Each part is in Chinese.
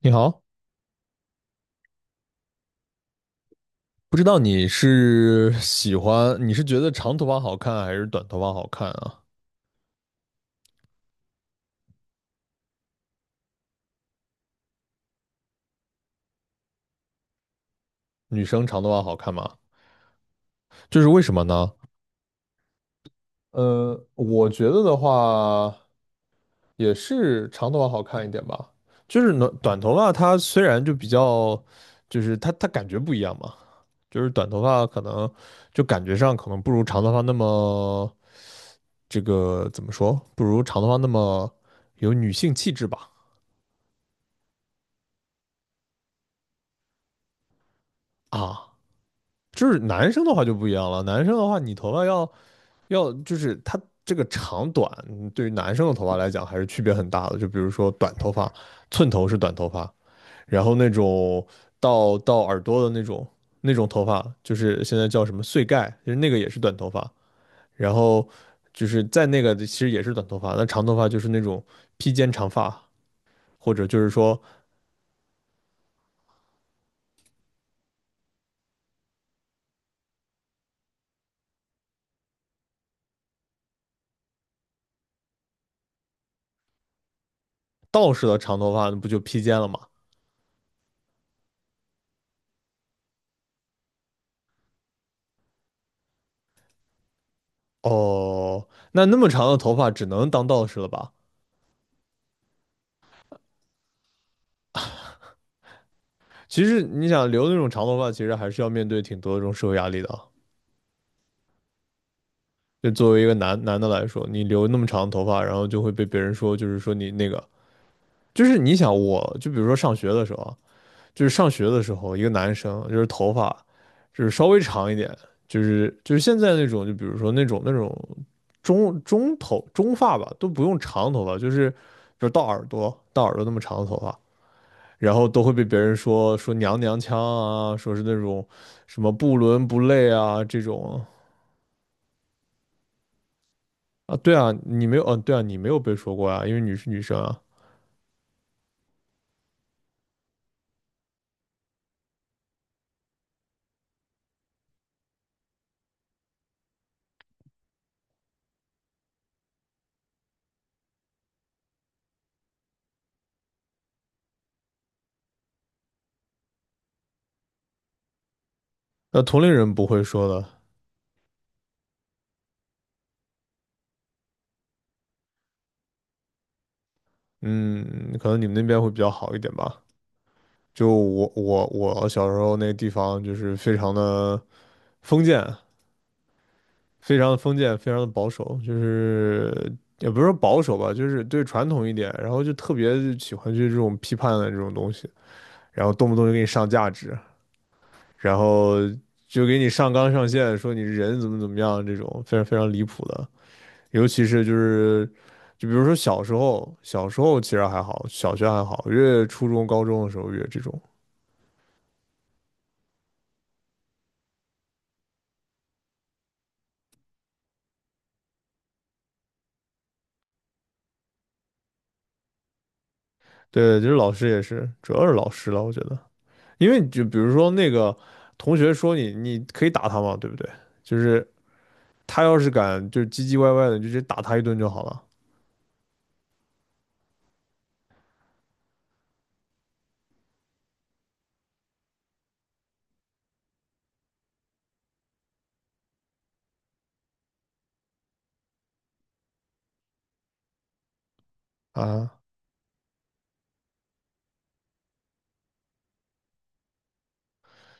你好，不知道你是喜欢，你是觉得长头发好看还是短头发好看啊？女生长头发好看吗？就是为什么呢？我觉得的话也是长头发好看一点吧。就是短头发，它虽然就比较，就是它感觉不一样嘛。就是短头发可能就感觉上可能不如长头发那么这个怎么说？不如长头发那么有女性气质吧？啊。就是男生的话就不一样了，男生的话你头发要就是他这个长短，嗯对于男生的头发来讲还是区别很大的。就比如说短头发，寸头是短头发，然后那种到耳朵的那种那种头发，就是现在叫什么碎盖，就是那个也是短头发。然后就是在那个其实也是短头发，那长头发就是那种披肩长发，或者就是说道士的长头发那不就披肩了吗？哦，那那么长的头发只能当道士了吧？其实你想留那种长头发，其实还是要面对挺多的这种社会压力的啊。就作为一个男的来说，你留那么长的头发，然后就会被别人说，就是说你那个，就是你想我，就比如说上学的时候啊，就是上学的时候，一个男生就是头发就是稍微长一点，就是现在那种，就比如说那种中头中发吧，都不用长头发，就是到耳朵到耳朵那么长的头发，然后都会被别人说娘娘腔啊，说是那种什么不伦不类啊这种啊，对啊，你没有，嗯、对啊，你没有被说过啊，因为你是女生啊，那同龄人不会说的，嗯，可能你们那边会比较好一点吧。就我小时候那个地方就是非常的封建，非常的封建，非常的保守，就是也不是说保守吧，就是对传统一点，然后就特别喜欢去这种批判的这种东西，然后动不动就给你上价值。然后就给你上纲上线，说你人怎么怎么样，这种非常非常离谱的。尤其是就是，就比如说小时候，小时候其实还好，小学还好，越初中、高中的时候越这种。对，就是老师也是，主要是老师了，我觉得，因为就比如说那个同学说你，你可以打他嘛，对不对？就是他要是敢就是唧唧歪歪的，你就直接打他一顿就好了啊。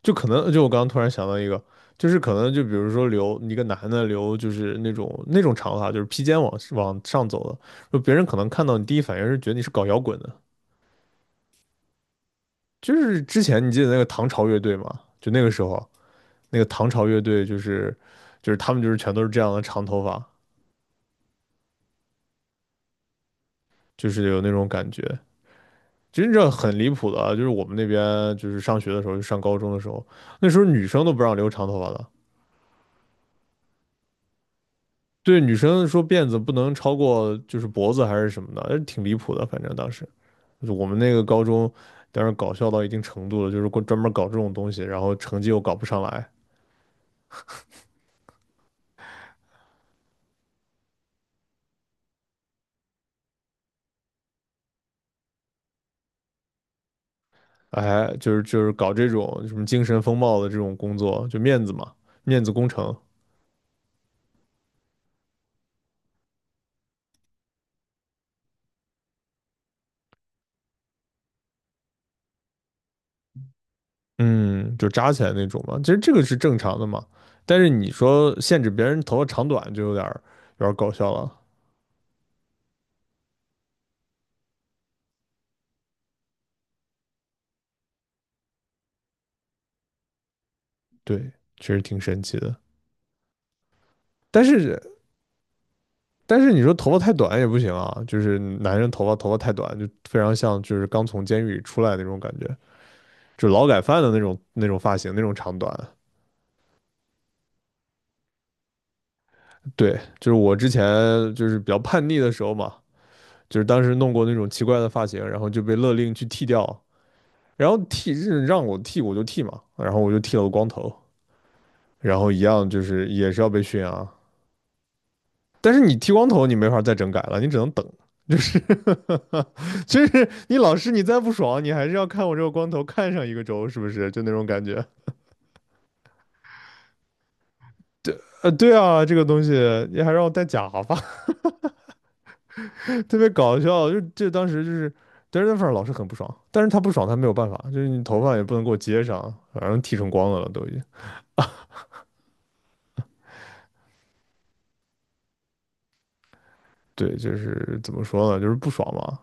就可能就我刚刚突然想到一个，就是可能就比如说留一个男的留就是那种长发，就是披肩往上走的，就别人可能看到你第一反应是觉得你是搞摇滚的，就是之前你记得那个唐朝乐队吗？就那个时候那个唐朝乐队就是他们就是全都是这样的长头发，就是有那种感觉。其实这很离谱的啊就是我们那边就是上学的时候，就上高中的时候，那时候女生都不让留长头发的，对女生说辫子不能超过就是脖子还是什么的，挺离谱的。反正当时就是我们那个高中，当时搞笑到一定程度了，就是过专门搞这种东西，然后成绩又搞不上来，哎，就是搞这种什么精神风貌的这种工作，就面子嘛，面子工程，嗯，就扎起来那种嘛。其实这个是正常的嘛，但是你说限制别人头发长短，就有点儿搞笑了。对，确实挺神奇的。但是但是你说头发太短也不行啊，就是男人头发太短，就非常像就是刚从监狱里出来的那种感觉，就是劳改犯的那种那种发型那种长短。对，就是我之前就是比较叛逆的时候嘛，就是当时弄过那种奇怪的发型，然后就被勒令去剃掉，然后剃是让我剃我就剃嘛，然后我就剃了个光头，然后一样就是也是要被训啊。但是你剃光头你没法再整改了，你只能等，就是 就是你老师你再不爽，你还是要看我这个光头看上一个周，是不是？就那种感觉。对，对啊，这个东西你还让我戴假发，特别搞笑。就这当时就是，但是那份儿老师很不爽，但是他不爽他没有办法，就是你头发也不能给我接上，反正剃成光了都已经。对，就是怎么说呢，就是不爽嘛。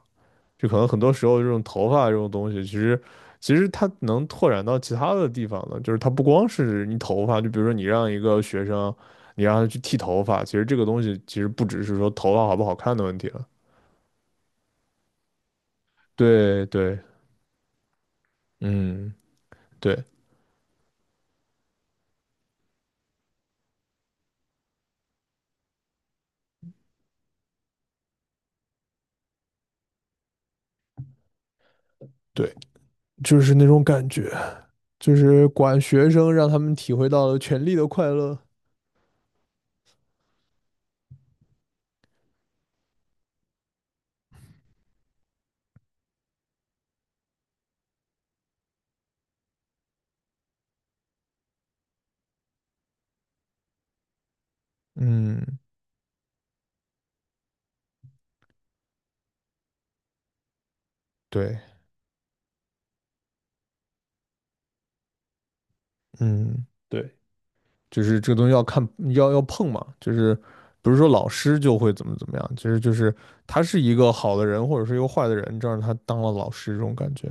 就可能很多时候这种头发这种东西，其实它能拓展到其他的地方的，就是它不光是你头发，就比如说你让一个学生，你让他去剃头发，其实这个东西其实不只是说头发好不好看的问题了。对对，嗯，对对，就是那种感觉，就是管学生，让他们体会到了权力的快乐。嗯，对，嗯，对。就是这个东西要看要碰嘛，就是不是说老师就会怎么怎么样，其实就是他是一个好的人或者是一个坏的人，这让他当了老师这种感觉。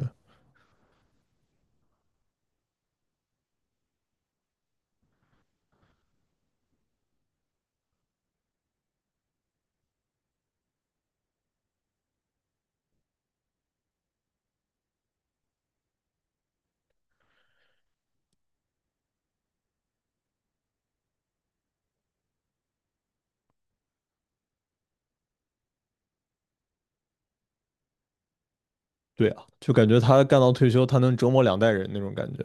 对啊，就感觉他干到退休，他能折磨两代人那种感觉，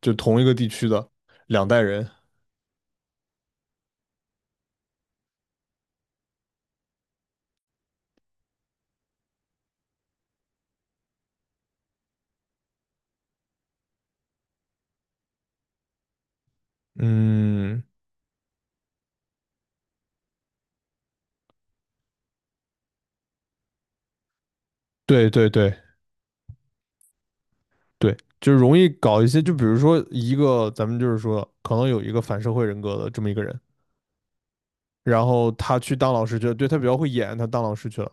就同一个地区的两代人。嗯，对对对对，就容易搞一些，就比如说一个咱们就是说可能有一个反社会人格的这么一个人，然后他去当老师去了，对他比较会演，他当老师去了，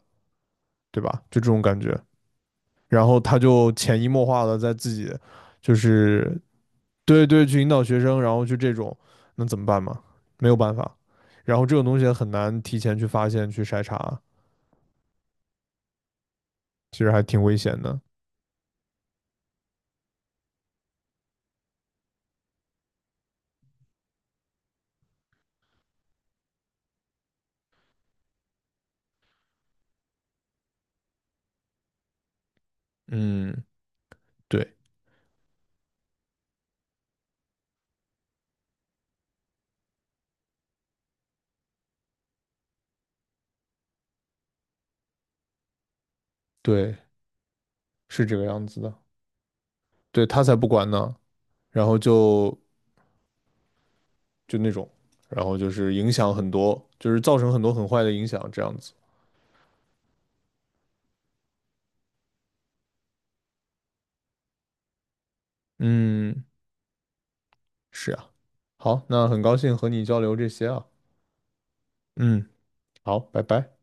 对吧？就这种感觉。然后他就潜移默化的在自己就是对对去引导学生，然后就这种，那怎么办嘛？没有办法。然后这种东西很难提前去发现、去筛查，其实还挺危险的。嗯，对对，是这个样子的。对他才不管呢，然后就那种，然后就是影响很多，就是造成很多很坏的影响，这样子。嗯，是啊。好，那很高兴和你交流这些啊。嗯，好，拜拜。